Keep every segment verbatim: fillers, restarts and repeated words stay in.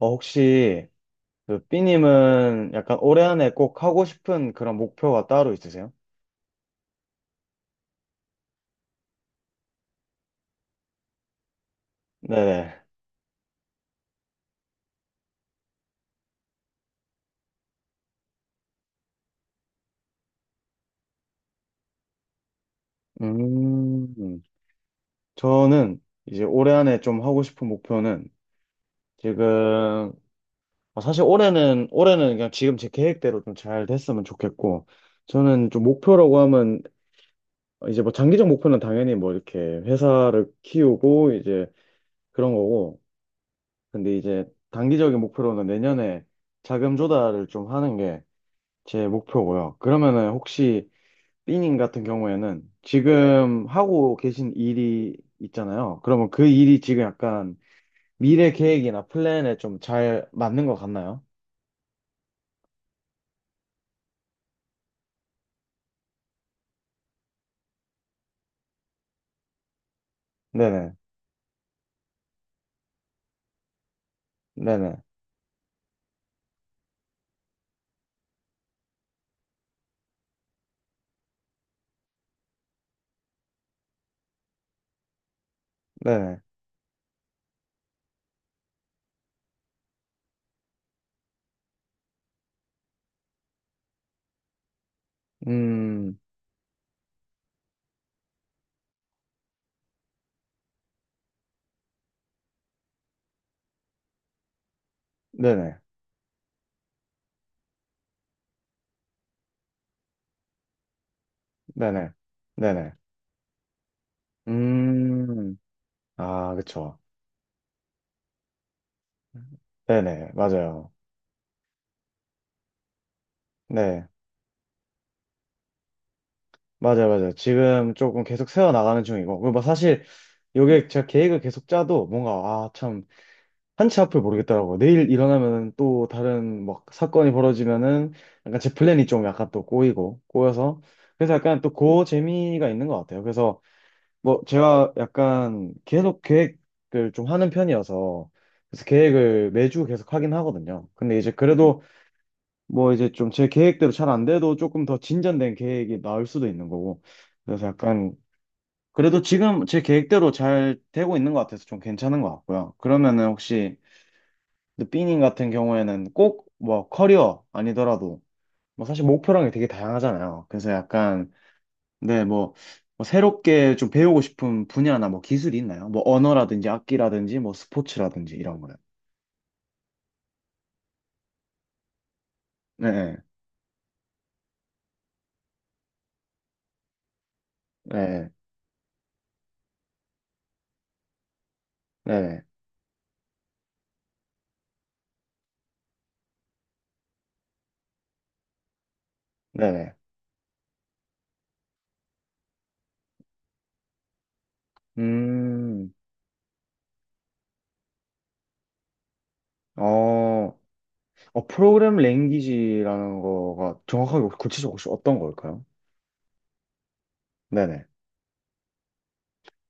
어, 혹시 그 B님은 약간 올해 안에 꼭 하고 싶은 그런 목표가 따로 있으세요? 네네. 음, 저는 이제 올해 안에 좀 하고 싶은 목표는 지금, 아, 사실 올해는 올해는 그냥 지금 제 계획대로 좀 잘 됐으면 좋겠고, 저는 좀 목표라고 하면 이제 뭐 장기적 목표는 당연히 뭐 이렇게 회사를 키우고 이제 그런 거고, 근데 이제 단기적인 목표로는 내년에 자금 조달을 좀 하는 게 제 목표고요. 그러면은 혹시 삐님 같은 경우에는 지금 하고 계신 일이 있잖아요. 그러면 그 일이 지금 약간 미래 계획이나 플랜에 좀 잘 맞는 것 같나요? 네네, 네네, 네네, 음, 네네, 네네, 네네, 음, 아, 그쵸. 네네, 맞아요. 네, 맞아요, 맞아요. 지금 조금 계속 세워나가는 중이고. 그리고 뭐 사실, 요게 제가 계획을 계속 짜도 뭔가, 아, 참 한치 앞을 모르겠더라고요. 내일 일어나면 또 다른 막 사건이 벌어지면은 약간 제 플랜이 좀 약간 또 꼬이고 꼬여서, 그래서 약간 또 그 재미가 있는 것 같아요. 그래서 뭐 제가 약간 계속 계획을 좀 하는 편이어서, 그래서 계획을 매주 계속 하긴 하거든요. 근데 이제 그래도 뭐 이제 좀 제 계획대로 잘 안 돼도 조금 더 진전된 계획이 나올 수도 있는 거고, 그래서 약간, 그래도 지금 제 계획대로 잘 되고 있는 것 같아서 좀 괜찮은 것 같고요. 그러면은 혹시 근데 삐님 같은 경우에는 꼭 뭐 커리어 아니더라도 뭐 사실 목표라는 게 되게 다양하잖아요. 그래서 약간, 네, 뭐, 뭐 새롭게 좀 배우고 싶은 분야나 뭐 기술이 있나요? 뭐 언어라든지 악기라든지 뭐 스포츠라든지 이런 거요. 네, 네, 네, 네, 네. 음, 어, 어 프로그램 랭귀지라는 거가 정확하게 혹시 구체적으로 혹시 어떤 걸까요? 네네.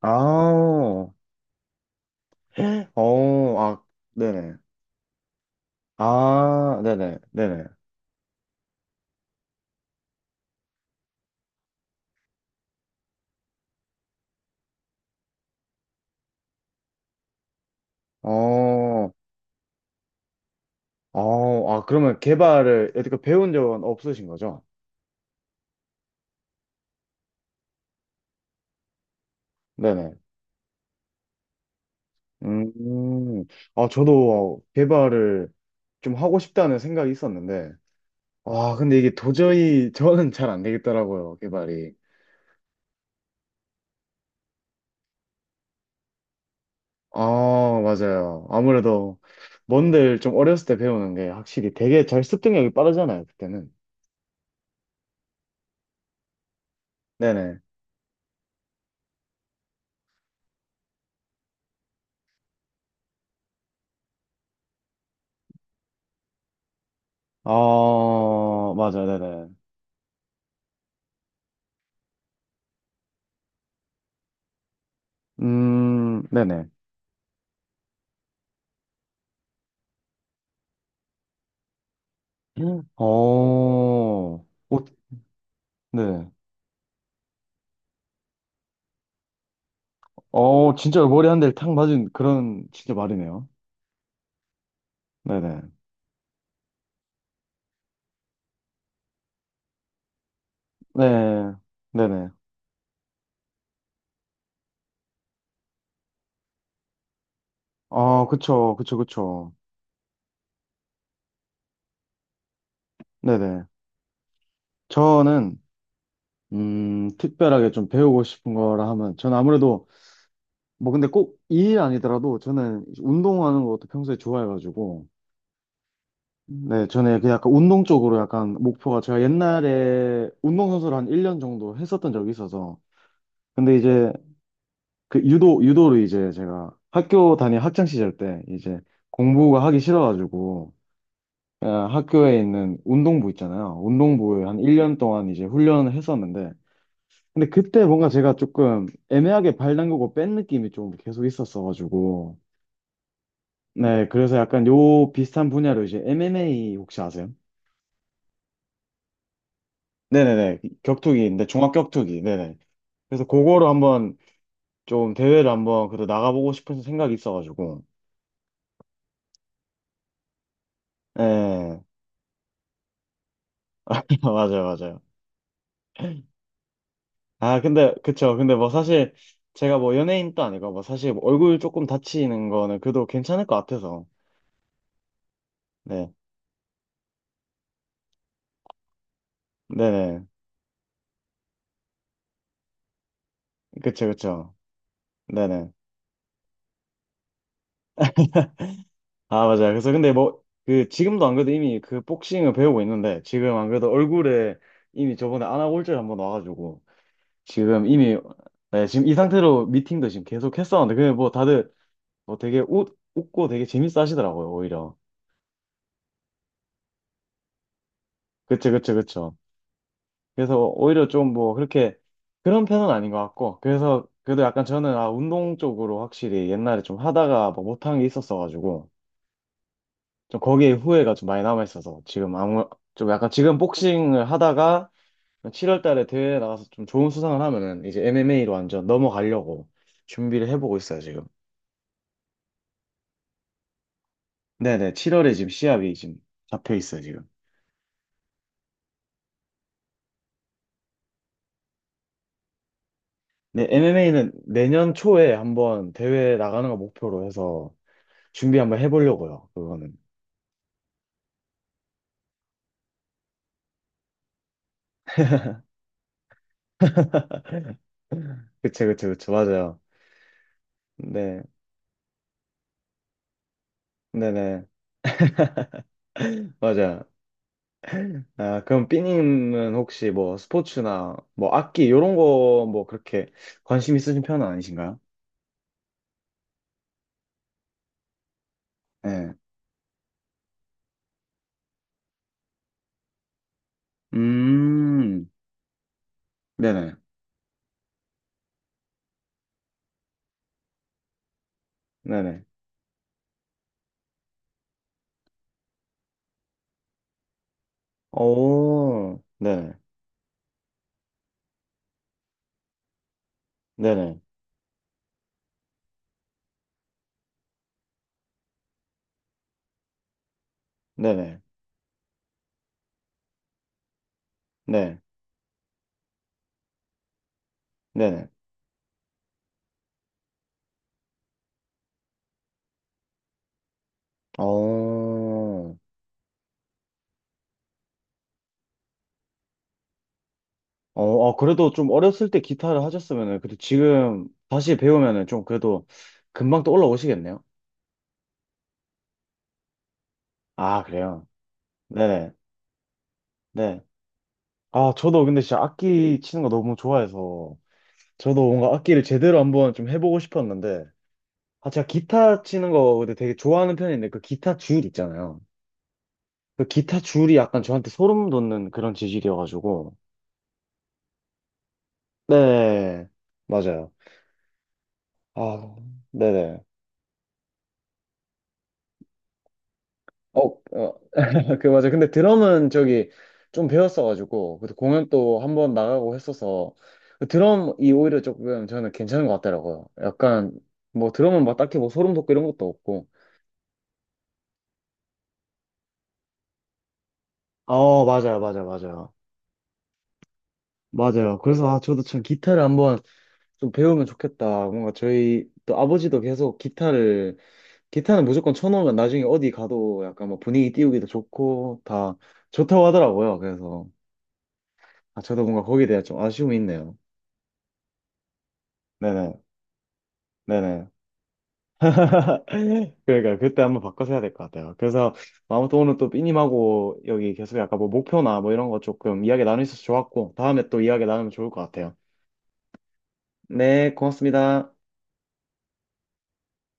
아, 어, 아, 네네. 아, 네네, 네네. 어, 어, 아, 그러면 개발을 여태껏 배운 적은 없으신 거죠? 네네. 음, 아, 저도 개발을 좀 하고 싶다는 생각이 있었는데, 아, 근데 이게 도저히 저는 잘 안 되겠더라고요, 개발이. 아, 맞아요. 아무래도 뭔들 좀 어렸을 때 배우는 게 확실히 되게 잘 습득력이 빠르잖아요, 그때는. 네네. 아, 맞아요, 네네. 음, 네네. 어, 어, 네. 어, 진짜 머리 한 대를 탁 맞은 그런 진짜 말이네요. 네네. 네. 네네. 어, 그쵸, 그쵸, 그쵸. 네네. 저는, 음, 특별하게 좀 배우고 싶은 거라 하면, 저는 아무래도, 뭐 근데 꼭 이 일 아니더라도 저는 운동하는 것도 평소에 좋아해가지고, 네, 저는 그 약간 운동 쪽으로 약간 목표가 제가 옛날에 운동선수를 한 일 년 정도 했었던 적이 있어서, 근데 이제 그 유도 유도를 이제 제가 학교 다니 학창 시절 때 이제 공부가 하기 싫어가지고 그냥 학교에 있는 운동부 있잖아요. 운동부에 한 일 년 동안 이제 훈련을 했었는데, 근데 그때 뭔가 제가 조금 애매하게 발 담그고 뺀 느낌이 좀 계속 있었어가지고, 네 그래서 약간 요 비슷한 분야로 이제 엠엠에이 혹시 아세요? 네네네 격투기인데 종합 격투기 네네 그래서 그거로 한번 좀 대회를 한번 그래도 나가보고 싶은 생각이 있어가지고, 예 맞아요 맞아요 아, 근데, 그쵸. 근데 뭐 사실 제가 뭐 연예인도 아니고 뭐 사실 뭐 얼굴 조금 다치는 거는 그래도 괜찮을 것 같아서. 네. 네네. 그쵸, 그쵸. 네네. 아, 맞아요. 그래서 근데 뭐 그 지금도 안 그래도 이미 그 복싱을 배우고 있는데 지금 안 그래도 얼굴에 이미 저번에 안아골절 한번 와가지고 지금 이미, 네, 지금 이 상태로 미팅도 지금 계속 했었는데 근데 뭐 다들 뭐 되게 웃, 웃고 되게 재밌어 하시더라고요, 오히려. 그쵸, 그쵸, 그쵸. 그래서 오히려 좀 뭐 그렇게 그런 편은 아닌 것 같고, 그래서 그래도 약간 저는 아 운동 쪽으로 확실히 옛날에 좀 하다가 뭐 못한 게 있었어가지고 좀 거기에 후회가 좀 많이 남아 있어서 지금 아무 좀 약간 지금 복싱을 하다가 칠월 달에 대회 나가서 좀 좋은 수상을 하면은 이제 엠엠에이로 완전 넘어가려고 준비를 해보고 있어요 지금. 네네 칠월에 지금 시합이 지금 잡혀 있어요 지금. 네 엠엠에이는 내년 초에 한번 대회 나가는 거 목표로 해서 준비 한번 해보려고요 그거는. 그쵸, 그쵸, 그쵸. 맞아요. 네, 네네. 맞아요. 아, 그럼 삐님은 혹시 뭐 스포츠나 뭐 악기 이런 거 뭐 그렇게 관심 있으신 편은 아니신가요? 네. 음, 네네. 네네. 오, 네네. 네네. 네네. 네. 네네. 어, 어, 아, 그래도 좀 어렸을 때 기타를 하셨으면은, 그래도 지금 다시 배우면은 좀 그래도 금방 또 올라오시겠네요? 아, 그래요? 네네. 네. 아, 저도 근데 진짜 악기 치는 거 너무 좋아해서 저도 뭔가 악기를 제대로 한번 좀 해보고 싶었는데, 아, 제가 기타 치는 거 근데 되게 좋아하는 편인데 그 기타 줄 있잖아요. 그 기타 줄이 약간 저한테 소름 돋는 그런 재질이어가지고. 네. 맞아요. 아, 네네. 어, 어, 그 맞아. 근데 드럼은 저기 좀 배웠어가지고, 그래도 공연 또 한번 나가고 했어서, 그 드럼이 오히려 조금 저는 괜찮은 것 같더라고요. 약간, 뭐 드럼은 막 딱히 뭐 소름 돋고 이런 것도 없고. 어, 맞아요, 맞아요, 맞아요. 맞아요. 그래서 아, 저도 참 기타를 한번 좀 배우면 좋겠다. 뭔가 저희 또 아버지도 계속 기타를, 기타는 무조건 쳐놓으면 나중에 어디 가도 약간 뭐 분위기 띄우기도 좋고 다 좋다고 하더라고요. 그래서 아, 저도 뭔가 거기에 대한 좀 아쉬움이 있네요. 네네. 네네. 그러니까 그때 한번 바꿔서 해야 될 것 같아요. 그래서 아무튼 오늘 또 삐님하고 여기 계속 약간 뭐 목표나 뭐 이런 거 조금 이야기 나누어서 좋았고 다음에 또 이야기 나누면 좋을 것 같아요. 네, 고맙습니다.